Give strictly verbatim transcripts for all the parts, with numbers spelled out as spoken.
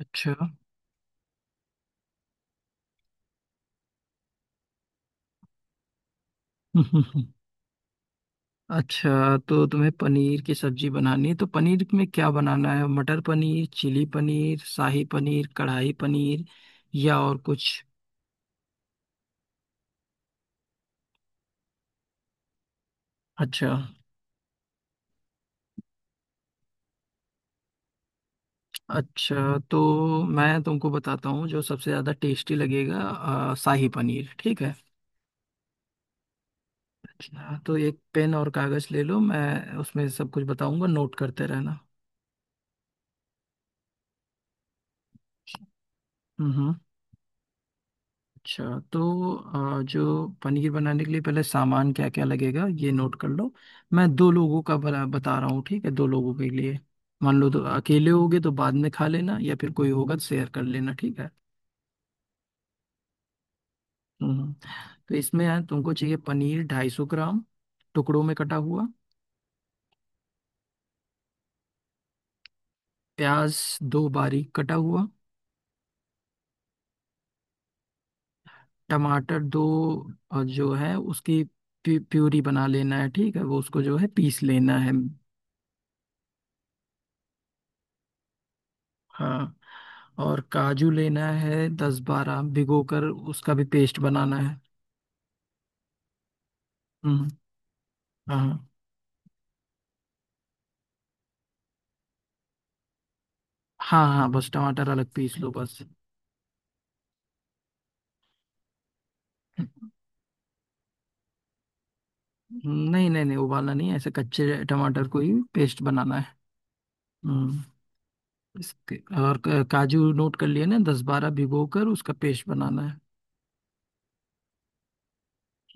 अच्छा। अच्छा, तो तुम्हें पनीर की सब्जी बनानी है तो पनीर में क्या बनाना है? मटर पनीर, चिली पनीर, शाही पनीर, कढ़ाई पनीर या और कुछ? अच्छा अच्छा, तो मैं तुमको बताता हूँ जो सबसे ज़्यादा टेस्टी लगेगा, आ, शाही पनीर। ठीक है? हाँ, तो एक पेन और कागज़ ले लो, मैं उसमें सब कुछ बताऊंगा, नोट करते रहना। हम्म। अच्छा, तो अ, जो पनीर बनाने के लिए पहले सामान क्या क्या लगेगा ये नोट कर लो। मैं दो लोगों का बना बता रहा हूँ, ठीक है, दो लोगों के लिए मान लो। तो अकेले होगे तो बाद में खा लेना, या फिर कोई होगा तो शेयर कर लेना। ठीक है? हम्म हम्म। तो इसमें यार तुमको चाहिए पनीर ढाई सौ ग्राम, टुकड़ों में कटा हुआ। प्याज दो, बारीक कटा हुआ। टमाटर दो, और जो है उसकी प्यू- प्यूरी बना लेना है, ठीक है, वो उसको जो है पीस लेना है। हाँ, और काजू लेना है दस बारह, भिगो कर उसका भी पेस्ट बनाना है। हम्म। हाँ हाँ हाँ, बस टमाटर अलग पीस लो बस। नहीं नहीं नहीं, उबालना नहीं है, ऐसे कच्चे टमाटर को ही पेस्ट बनाना है। हम्म। इसके, और क- काजू नोट कर लिए ना? दस बारह भिगो कर उसका पेस्ट बनाना है।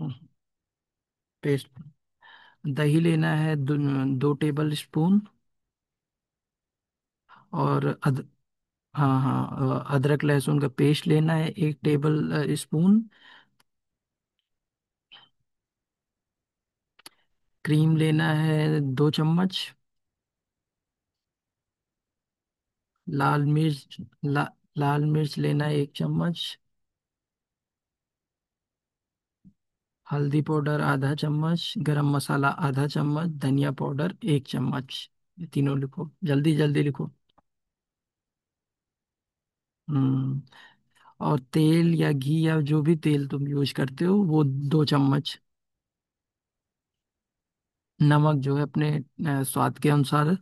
हम्म, पेस्ट। दही लेना है दो, दो टेबल स्पून। और अद, हाँ हाँ, अ, अदरक लहसुन का पेस्ट लेना है एक टेबल अ, स्पून। क्रीम लेना है दो चम्मच। लाल मिर्च। ला, लाल मिर्च लेना है एक चम्मच। हल्दी पाउडर आधा चम्मच, गरम मसाला आधा चम्मच, धनिया पाउडर एक चम्मच। ये तीनों लिखो, जल्दी जल्दी लिखो। हम्म। और तेल या घी, या जो भी तेल तुम यूज करते हो वो दो चम्मच। नमक जो है अपने अ, स्वाद के अनुसार।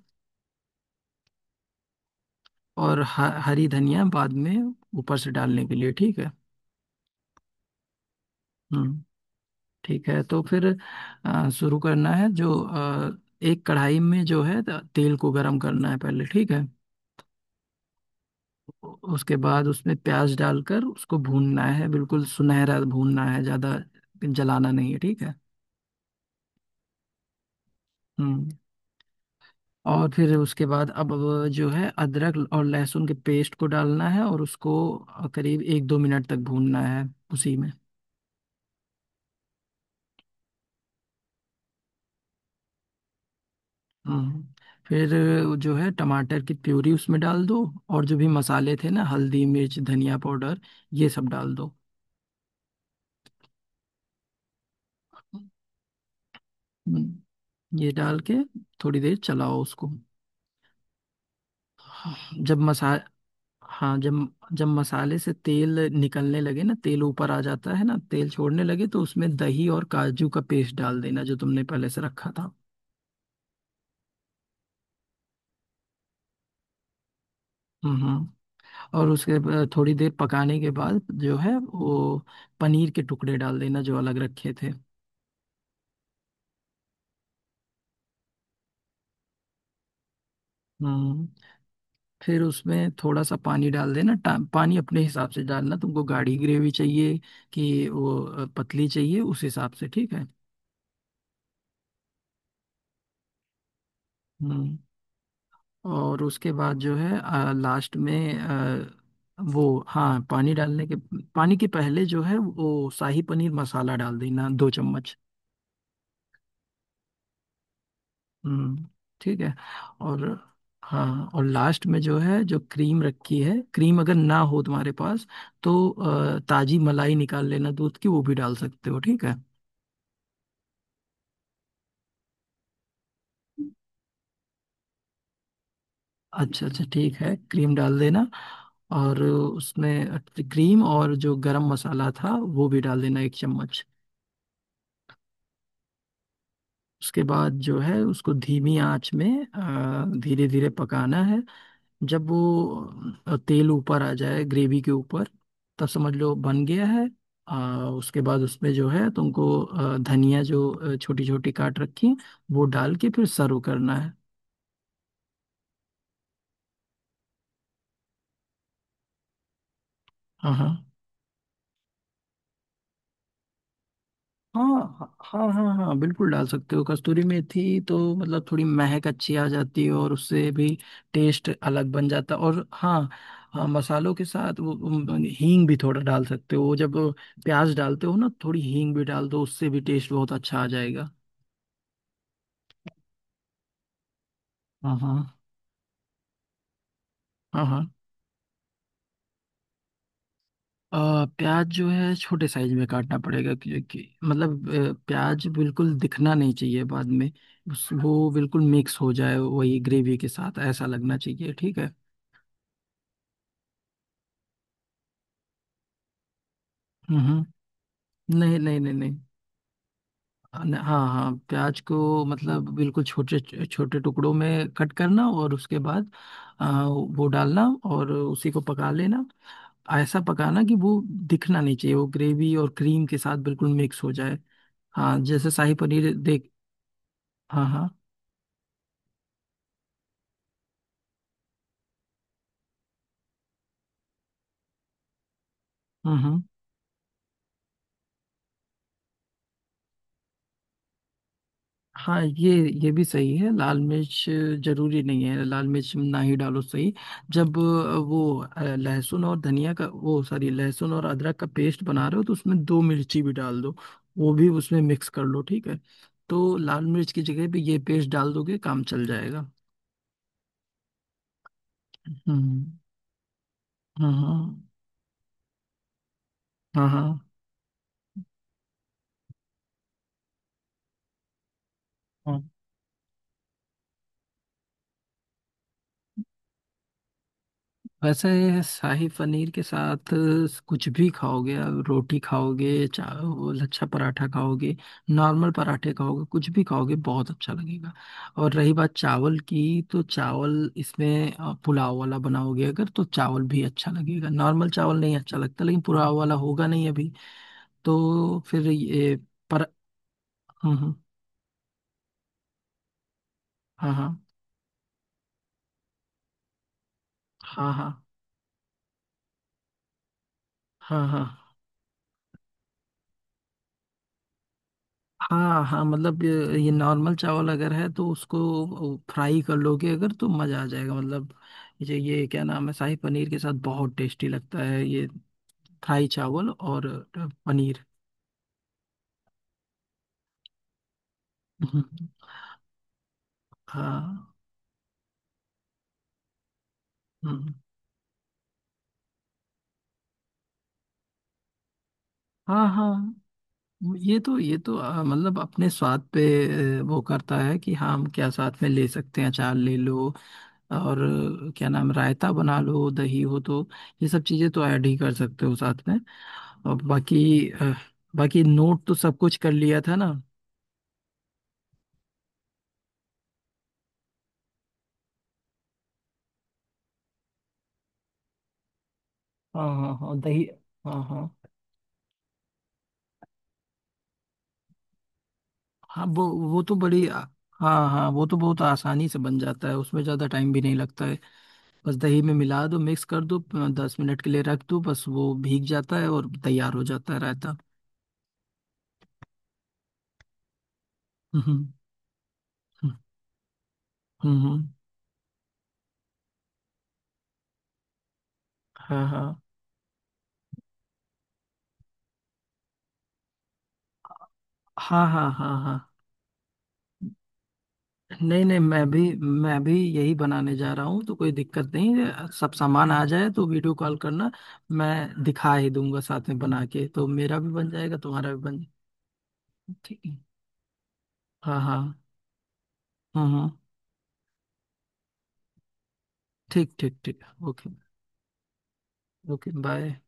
और ह, हरी धनिया बाद में ऊपर से डालने के लिए। ठीक है? हम्म। ठीक है, तो फिर अ, शुरू करना है। जो अ, एक कढ़ाई में जो है त- तेल को गरम करना है पहले। ठीक है? उ- उसके बाद उसमें प्याज डालकर उसको भूनना है, बिल्कुल सुनहरा भूनना है, ज़्यादा जलाना नहीं है। ठीक है? हम्म। और फिर उसके बाद अब अब जो है अदरक और लहसुन के पेस्ट को डालना है, और उसको अ, करीब एक दो मिनट तक भूनना है उसी में। हम्म। फिर जो है टमाटर की प्यूरी उसमें डाल दो, और जो भी मसाले थे ना, हल्दी, मिर्च, धनिया पाउडर, ये सब डाल दो। हम्म, ये डाल के थोड़ी देर चलाओ उसको। जब मसा हाँ, जब जब मसाले से तेल निकलने लगे ना, तेल ऊपर आ जाता है ना, तेल छोड़ने लगे, तो उसमें दही और काजू का पेस्ट डाल देना जो तुमने पहले से रखा था। हम्म। और उसके ब- थोड़ी देर पकाने के बाद जो है वो पनीर के टुकड़े डाल देना जो अलग रखे थे। हम्म। फिर उसमें थोड़ा सा पानी डाल देना। टा- पानी अपने हिसाब से डालना, तुमको गाढ़ी ग्रेवी चाहिए कि वो अ, पतली चाहिए, उस हिसाब से। ठीक है? हम्म। और उसके बाद जो है लास्ट में अ, वो, हाँ, पानी डालने के पानी के पहले जो है वो शाही पनीर मसाला डाल देना दो चम्मच। हम्म, ठीक है। और हाँ, और लास्ट में जो है जो क्रीम रखी है, क्रीम अगर ना हो तुम्हारे पास तो अ, ताजी मलाई निकाल लेना दूध की, वो भी डाल सकते हो। ठीक है? अच्छा अच्छा, ठीक है, क्रीम डाल देना। और उसमें क्रीम और जो गरम मसाला था वो भी डाल देना एक चम्मच। उसके बाद जो है उसको धीमी आंच में धीरे धीरे पकाना है। जब वो अ, तेल ऊपर आ जाए ग्रेवी के ऊपर, तब समझ लो बन गया है। आ, उसके बाद उसमें जो है तुमको अ, धनिया जो छोटी छोटी काट रखी, वो डाल के फिर सर्व करना है। हाँ हाँ हाँ हाँ। हाँ हाँ हाँ, बिल्कुल डाल सकते हो कस्तूरी मेथी, तो मतलब थोड़ी महक अच्छी आ जाती है, और उससे भी टेस्ट अलग बन जाता है। और हाँ, हाँ, मसालों के साथ वो वो हींग भी थोड़ा डाल सकते हो। जब प्याज डालते हो ना, थोड़ी हींग भी डाल दो, उससे भी टेस्ट बहुत अच्छा आ जाएगा। हाँ हाँ हाँ हाँ। अ, प्याज जो है छोटे साइज में काटना पड़ेगा, क्योंकि मतलब अ, प्याज बिल्कुल दिखना नहीं चाहिए बाद में। उस, वो बिल्कुल मिक्स हो जाए वही ग्रेवी के साथ, ऐसा लगना चाहिए। ठीक है? हम्म। नहीं नहीं नहीं नहीं। हाँ, न- हाँ हाँ, प्याज को मतलब बिल्कुल छोटे छोटे टुकड़ों में कट करना, और उसके बाद आ, वो डालना और उसी को पका लेना। ऐसा पकाना कि वो दिखना नहीं चाहिए, वो ग्रेवी और क्रीम के साथ बिल्कुल मिक्स हो जाए। हाँ, जैसे शाही पनीर देख। हाँ हाँ। हम्म हम्म। हाँ, ये ये भी सही है। लाल मिर्च जरूरी नहीं है, लाल मिर्च ना ही डालो सही। जब अ, वो अ, लहसुन और धनिया का वो, सॉरी, लहसुन और अदरक का पेस्ट बना रहे हो तो उसमें दो मिर्ची भी डाल दो, वो भी उसमें मिक्स कर लो। ठीक है? तो लाल मिर्च की जगह पे ये पेस्ट डाल दोगे, काम चल जाएगा। हम्म। हाँ हाँ हाँ हाँ। वैसे शाही पनीर के साथ कुछ भी खाओगे, आप रोटी खाओगे चाहे वो लच्छा पराठा खाओगे, नॉर्मल पराठे खाओगे, कुछ भी खाओगे बहुत अच्छा लगेगा। और रही बात चावल की, तो चावल इसमें अ, पुलाव वाला बनाओगे अगर, तो चावल भी अच्छा लगेगा। नॉर्मल चावल नहीं अच्छा लगता, लेकिन पुलाव वाला होगा नहीं अभी, तो फिर ये, पर। हम्म हम्म। हाँ हाँ हाँ हाँ। हाँ हाँ हाँ हाँ। हाँ, मतलब ये ये नॉर्मल चावल अगर है तो उसको फ्राई कर लोगे अगर, तो मज़ा आ जाएगा। मतलब ये ये क्या नाम है, शाही पनीर के साथ बहुत टेस्टी लगता है ये फ्राई चावल और पनीर। हम्म। हाँ। हम्म, हाँ हाँ। ये तो, ये तो आ, मतलब अपने स्वाद पे आ, वो करता है कि हाँ हम क्या साथ में ले सकते हैं। अचार ले लो, और आ, क्या नाम रायता बना लो दही हो तो। ये सब चीज़ें तो ऐड ही कर सकते हो साथ में। अब बाकी अ, बाकी नोट तो सब कुछ कर लिया था ना? हाँ हाँ हाँ, दही। हाँ हाँ हाँ, वो वो तो बड़ी आ-। हाँ हाँ, वो तो बहुत आसानी से बन जाता है, उसमें ज़्यादा टाइम भी नहीं लगता है। बस दही में मिला दो, मिक्स कर दो, अ, दस मिनट के लिए रख दो, बस वो भीग जाता है और तैयार हो जाता है रायता। हम्म। हम्म। हम्म, हम्म। हाँ हाँ हाँ हाँ। हाँ हाँ। नहीं नहीं, मैं भी मैं भी यही बनाने जा रहा हूँ, तो कोई दिक्कत नहीं है। सब सामान आ जाए तो वीडियो कॉल करना, मैं दिखा ही दूंगा साथ में बना के, तो मेरा भी बन जाएगा तुम्हारा भी बन। ठीक है? हाँ हाँ हाँ हाँ। ठीक, ठीक, ठीक, ओके। Okay, bye.